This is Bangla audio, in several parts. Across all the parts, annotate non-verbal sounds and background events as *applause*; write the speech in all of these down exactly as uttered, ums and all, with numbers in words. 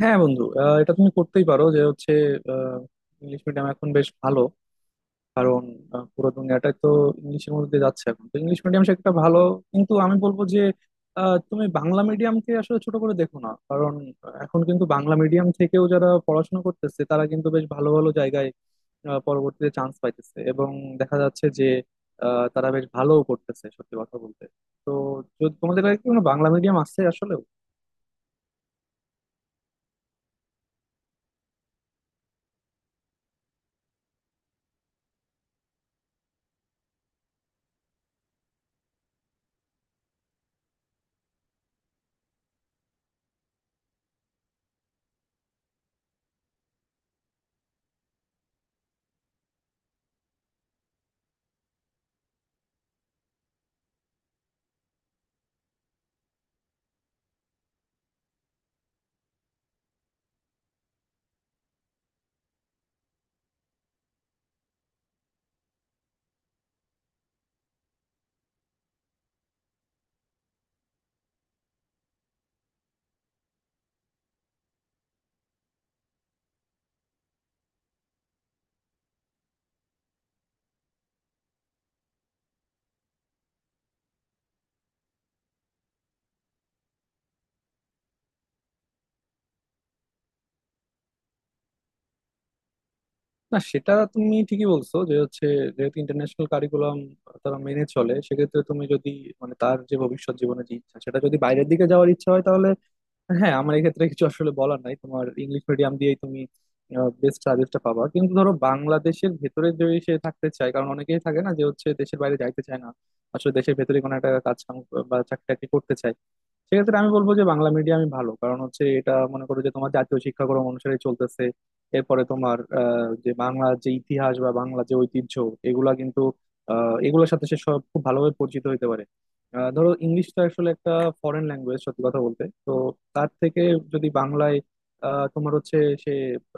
হ্যাঁ বন্ধু, আহ, এটা তুমি করতেই পারো। যে হচ্ছে ইংলিশ মিডিয়াম এখন বেশ ভালো, কারণ আহ, পুরো দুনিয়াটাই তো ইংলিশের মধ্যে দিয়ে যাচ্ছে। এখন তো ইংলিশ মিডিয়াম সেটা ভালো, কিন্তু আমি বলবো যে আহ, তুমি বাংলা মিডিয়ামকে আসলে ছোট করে দেখো না। কারণ আহ, এখন কিন্তু বাংলা মিডিয়াম থেকেও যারা পড়াশোনা করতেছে, তারা কিন্তু বেশ ভালো ভালো জায়গায় আহ, পরবর্তীতে চান্স পাইতেছে, এবং দেখা যাচ্ছে যে আহ, তারা বেশ ভালোও করতেছে সত্যি কথা বলতে। তো যদি তোমাদের কাছে কি কোনো বাংলা মিডিয়াম আছে আসলে। না, সেটা তুমি ঠিকই বলছো। যে হচ্ছে যেহেতু ইন্টারন্যাশনাল কারিকুলাম তারা মেনে চলে, সেক্ষেত্রে তুমি যদি মানে তার যে ভবিষ্যৎ জীবনে যে ইচ্ছা, সেটা যদি বাইরের দিকে যাওয়ার ইচ্ছা হয় তাহলে হ্যাঁ, আমার এক্ষেত্রে কিছু আসলে বলার নাই। তোমার ইংলিশ মিডিয়াম দিয়েই তুমি বেস্ট সার্ভিসটা পাবা। কিন্তু ধরো, বাংলাদেশের ভেতরে যদি সে থাকতে চায়, কারণ অনেকেই থাকে না যে হচ্ছে দেশের বাইরে যাইতে চায় না, আসলে দেশের ভেতরে কোনো একটা কাজ কাম বা চাকরি টাকরি করতে চায়, সেক্ষেত্রে আমি বলবো যে বাংলা মিডিয়ামই ভালো। কারণ হচ্ছে এটা মনে করো যে তোমার জাতীয় শিক্ষাক্রম অনুসারে চলতেছে। এরপরে তোমার আহ, যে বাংলা যে ইতিহাস বা বাংলা যে ঐতিহ্য এগুলা কিন্তু আহ, এগুলোর সাথে সে সব খুব ভালোভাবে পরিচিত হতে পারে। আহ, ধরো, ইংলিশ তো আসলে একটা ফরেন ল্যাঙ্গুয়েজ সত্যি কথা বলতে তো। তার থেকে যদি বাংলায় আহ, তোমার হচ্ছে সে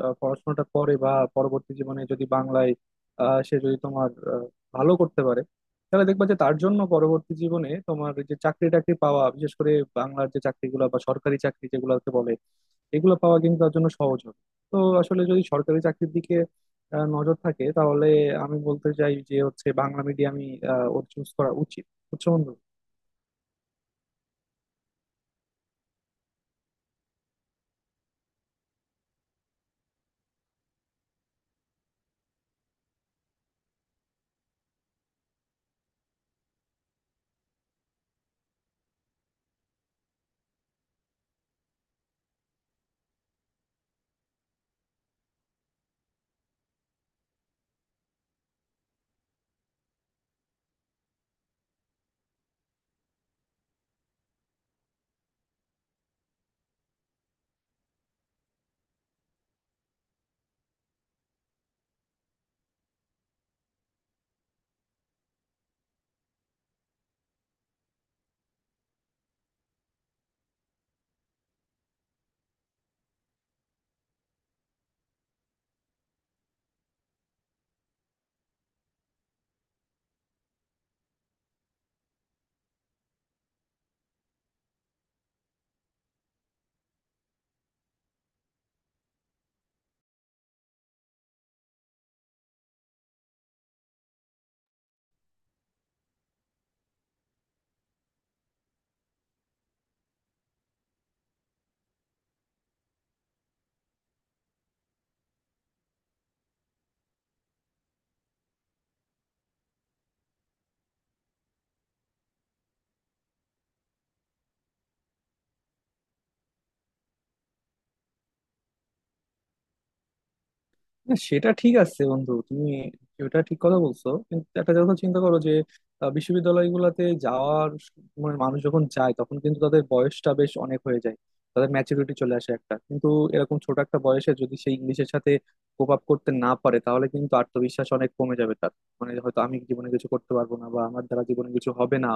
আহ, পড়াশোনাটা করে বা পরবর্তী জীবনে যদি বাংলায় আহ, সে যদি তোমার আহ, ভালো করতে পারে, তাহলে দেখবা যে তার জন্য পরবর্তী জীবনে তোমার যে চাকরি টাকরি পাওয়া, বিশেষ করে বাংলার যে চাকরিগুলো বা সরকারি চাকরি যেগুলোকে বলে, এগুলো পাওয়া কিন্তু তার জন্য সহজ হবে। তো আসলে যদি সরকারি চাকরির দিকে আহ, নজর থাকে, তাহলে আমি বলতে চাই যে হচ্ছে বাংলা মিডিয়ামই ওর চুজ করা উচিত। বুঝছো বন্ধু? না, সেটা ঠিক আছে বন্ধু। তুমি ওটা ঠিক কথা বলছো, কিন্তু একটা কথা চিন্তা করো যে আহ, বিশ্ববিদ্যালয়গুলোতে যাওয়ার স- মানে মানুষ যখন যায়, তখন কিন্তু তাদের বয়সটা বেশ অনেক হয়ে যায়, তাদের ম্যাচুরিটি চলে আসে একটা। কিন্তু এরকম ছোট একটা বয়সে যদি সেই ইংলিশের সাথে কোপ আপ করতে না পারে, তাহলে কিন্তু আত্মবিশ্বাস অনেক কমে যাবে তার। মানে হয়তো আমি জীবনে কিছু করতে পারবো না বা আমার দ্বারা জীবনে কিছু হবে না,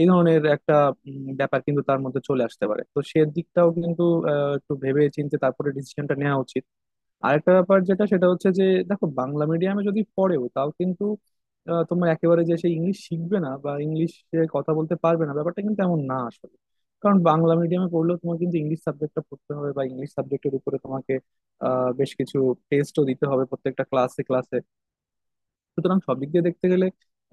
এই ধরনের একটা উম, ব্যাপার কিন্তু তার মধ্যে চলে আসতে পারে। তো সে দিকটাও কিন্তু আহ, একটু ভেবে চিন্তে তারপরে ডিসিশনটা নেওয়া উচিত। আরেকটা ব্যাপার যেটা, সেটা হচ্ছে যে দেখো, বাংলা মিডিয়ামে যদি পড়েও তাও কিন্তু আহ, তোমার একেবারে যে সে ইংলিশ শিখবে না বা ইংলিশে কথা বলতে পারবে না, ব্যাপারটা কিন্তু এমন না আসলে। কারণ বাংলা মিডিয়ামে পড়লেও তোমার কিন্তু ইংলিশ সাবজেক্টটা পড়তে হবে, বা ইংলিশ সাবজেক্টের উপরে তোমাকে আহ, বেশ কিছু টেস্টও দিতে হবে প্রত্যেকটা ক্লাসে ক্লাসে। সুতরাং সব দিক দিয়ে দেখতে গেলে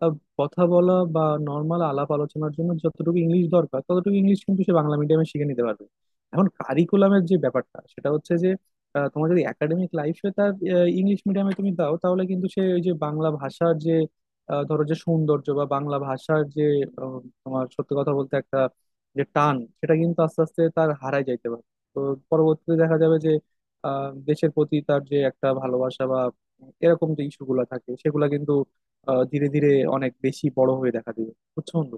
আহ, কথা বলা বা নর্মাল আলাপ আলোচনার জন্য যতটুকু ইংলিশ দরকার, ততটুকু ইংলিশ কিন্তু সে বাংলা মিডিয়ামে শিখে নিতে পারবে। এখন কারিকুলামের যে ব্যাপারটা, সেটা হচ্ছে যে আহ, তোমার যদি একাডেমিক লাইফে তার ইংলিশ মিডিয়ামে তুমি দাও, তাহলে কিন্তু সে ওই যে বাংলা ভাষার যে আহ, ধরো যে সৌন্দর্য বা বাংলা ভাষার যে আহ, তোমার সত্যি কথা বলতে একটা যে টান, সেটা কিন্তু আস্তে আস্তে তার হারায় যাইতে পারে। তো পরবর্তীতে দেখা যাবে যে আহ, দেশের প্রতি তার যে একটা ভালোবাসা বা এরকম যে ইস্যু গুলা থাকে, সেগুলা কিন্তু আহ, ধীরে ধীরে অনেক বেশি বড় হয়ে দেখা দিবে। বুঝছো বন্ধু?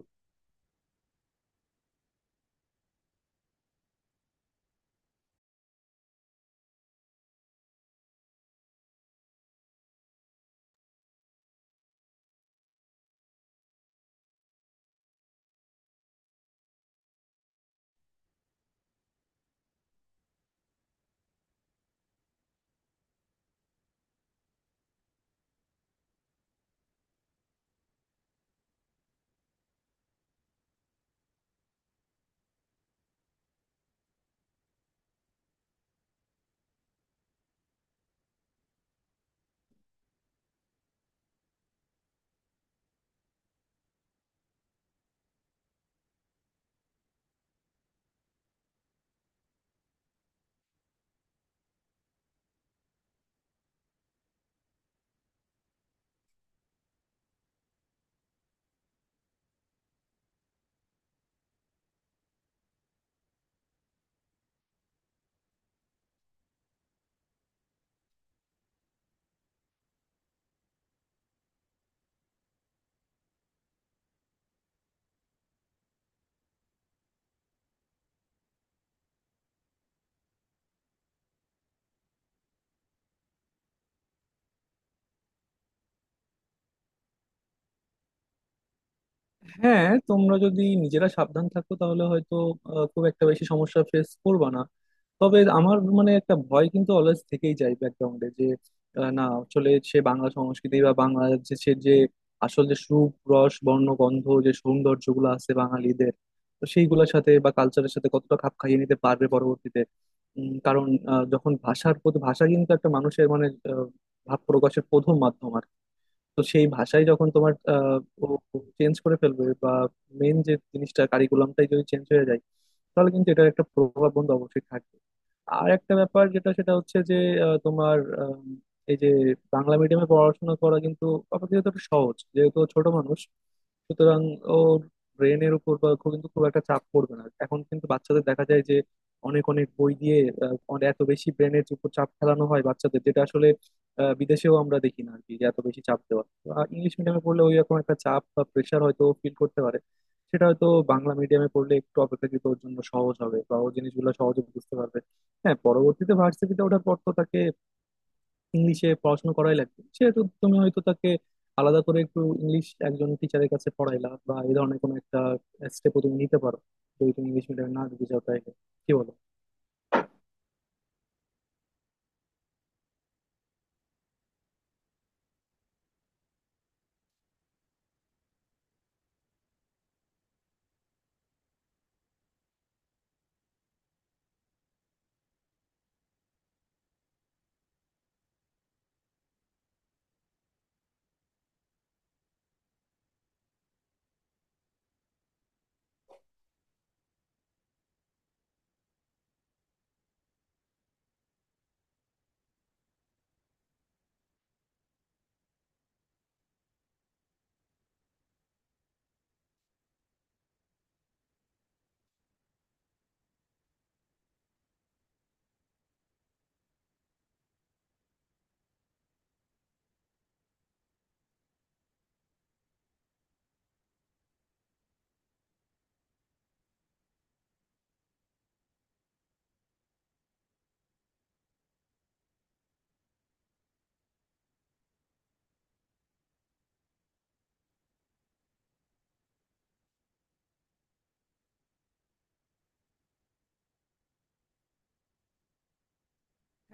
হ্যাঁ, তোমরা যদি নিজেরা সাবধান থাকো, তাহলে হয়তো আহ, খুব একটা বেশি সমস্যা ফেস করবে না। তবে আমার মানে একটা ভয় কিন্তু অলওয়েজ থেকেই যায় ব্যাকগ্রাউন্ডে যে আহ, না, আসলে সে বাংলা সংস্কৃতি বা বাংলা যে সে যে আসল যে সুপ রস বর্ণ গন্ধ যে সৌন্দর্যগুলো আছে বাঙালিদের, তো সেইগুলোর সাথে বা কালচারের সাথে কতটা খাপ খাইয়ে নিতে পারবে পরবর্তীতে। উম, কারণ আহ, যখন ভাষার প্রতি ভাষা কিন্তু একটা মানুষের মানে আহ, ভাব প্রকাশের প্রথম মাধ্যম। তো সেই ভাষাই যখন তোমার আহ, ও চেঞ্জ করে ফেলবে বা মেন যে জিনিসটা কারিকুলামটাই যদি চেঞ্জ হয়ে যায়, তাহলে কিন্তু এটার একটা প্রভাব বন্ধু অবশ্যই থাকবে। আর একটা ব্যাপার যেটা, সেটা হচ্ছে যে আহ, তোমার আম, এই যে বাংলা মিডিয়ামে পড়াশোনা করা কিন্তু আপাতত একটু সহজ, যেহেতু ও ছোট মানুষ। সুতরাং ওর ব্রেনের উপর বা খুব কিন্তু খুব একটা চাপ পড়বে না। এখন কিন্তু বাচ্চাদের দেখা যায় যে অনেক অনেক বই দিয়ে আহ, অনে- এত বেশি ব্রেনের উপর চাপ ফেলানো হয় বাচ্চাদের, যেটা আসলে আহ, বিদেশেও আমরা দেখি না আর কি, যে এত বেশি চাপ দেওয়া। ইংলিশ মিডিয়ামে পড়লে ওই রকম একটা চাপ বা প্রেশার হয়তো ফিল করতে পারে। সেটা হয়তো বাংলা মিডিয়ামে পড়লে একটু অপেক্ষাকৃত ওর জন্য সহজ হবে, বা ও জিনিসগুলো সহজে বুঝতে পারবে। হ্যাঁ, পরবর্তীতে ভার্সিটিতে ওঠার পর তো তাকে ইংলিশে পড়াশোনা করাই লাগবে, সেহেতু তুমি হয়তো তাকে আলাদা করে একটু ইংলিশ একজন টিচারের কাছে পড়াইলা, বা এই ধরনের কোনো একটা স্টেপও তুমি নিতে পারো যদি তুমি ইংলিশ মিডিয়ামে না দিতে চাও তাইলে। কি বলো?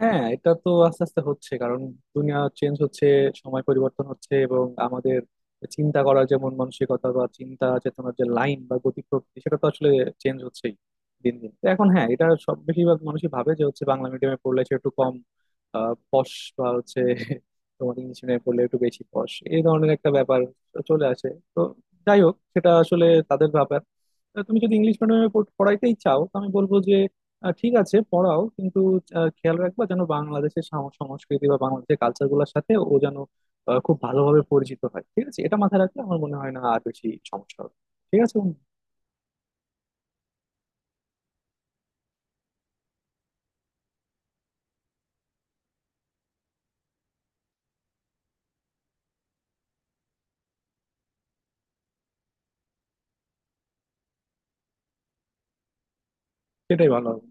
হ্যাঁ, এটা তো আস্তে আস্তে হচ্ছে। কারণ দুনিয়া চেঞ্জ হচ্ছে, সময় পরিবর্তন হচ্ছে, এবং আমাদের চিন্তা করার যে মন মানসিকতা বা চিন্তা চেতনার যে লাইন বা গতি প্রকৃতি, সেটা তো আসলে চেঞ্জ হচ্ছেই দিন দিন। তো এখন হ্যাঁ, এটা সব বেশিরভাগ মানুষই ভাবে যে হচ্ছে বাংলা মিডিয়ামে পড়লে সে একটু কম পশ বা হচ্ছে *laughs* তোমার ইংলিশ মিডিয়ামে পড়লে একটু বেশি পশ, এই ধরনের একটা ব্যাপার চলে আসে। তো যাই হোক, সেটা আসলে তাদের ব্যাপার। তো তুমি যদি ইংলিশ মিডিয়ামে পড়াইতেই চাও, তো আমি বলবো আহ, ঠিক আছে, পড়াও। কিন্তু আহ, খেয়াল রাখবা যেন বাংলাদেশের সাম- সংস্কৃতি বা বাংলাদেশের কালচার গুলোর সাথে ও যেন আহ, খুব ভালোভাবে পরিচিত হয়। ঠিক আছে? এটা মাথায় রাখলে আমার মনে হয় না আর বেশি সমস্যা হবে। ঠিক আছে বন্ধু? সেটাই ভালো হবে।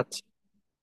আচ্ছা।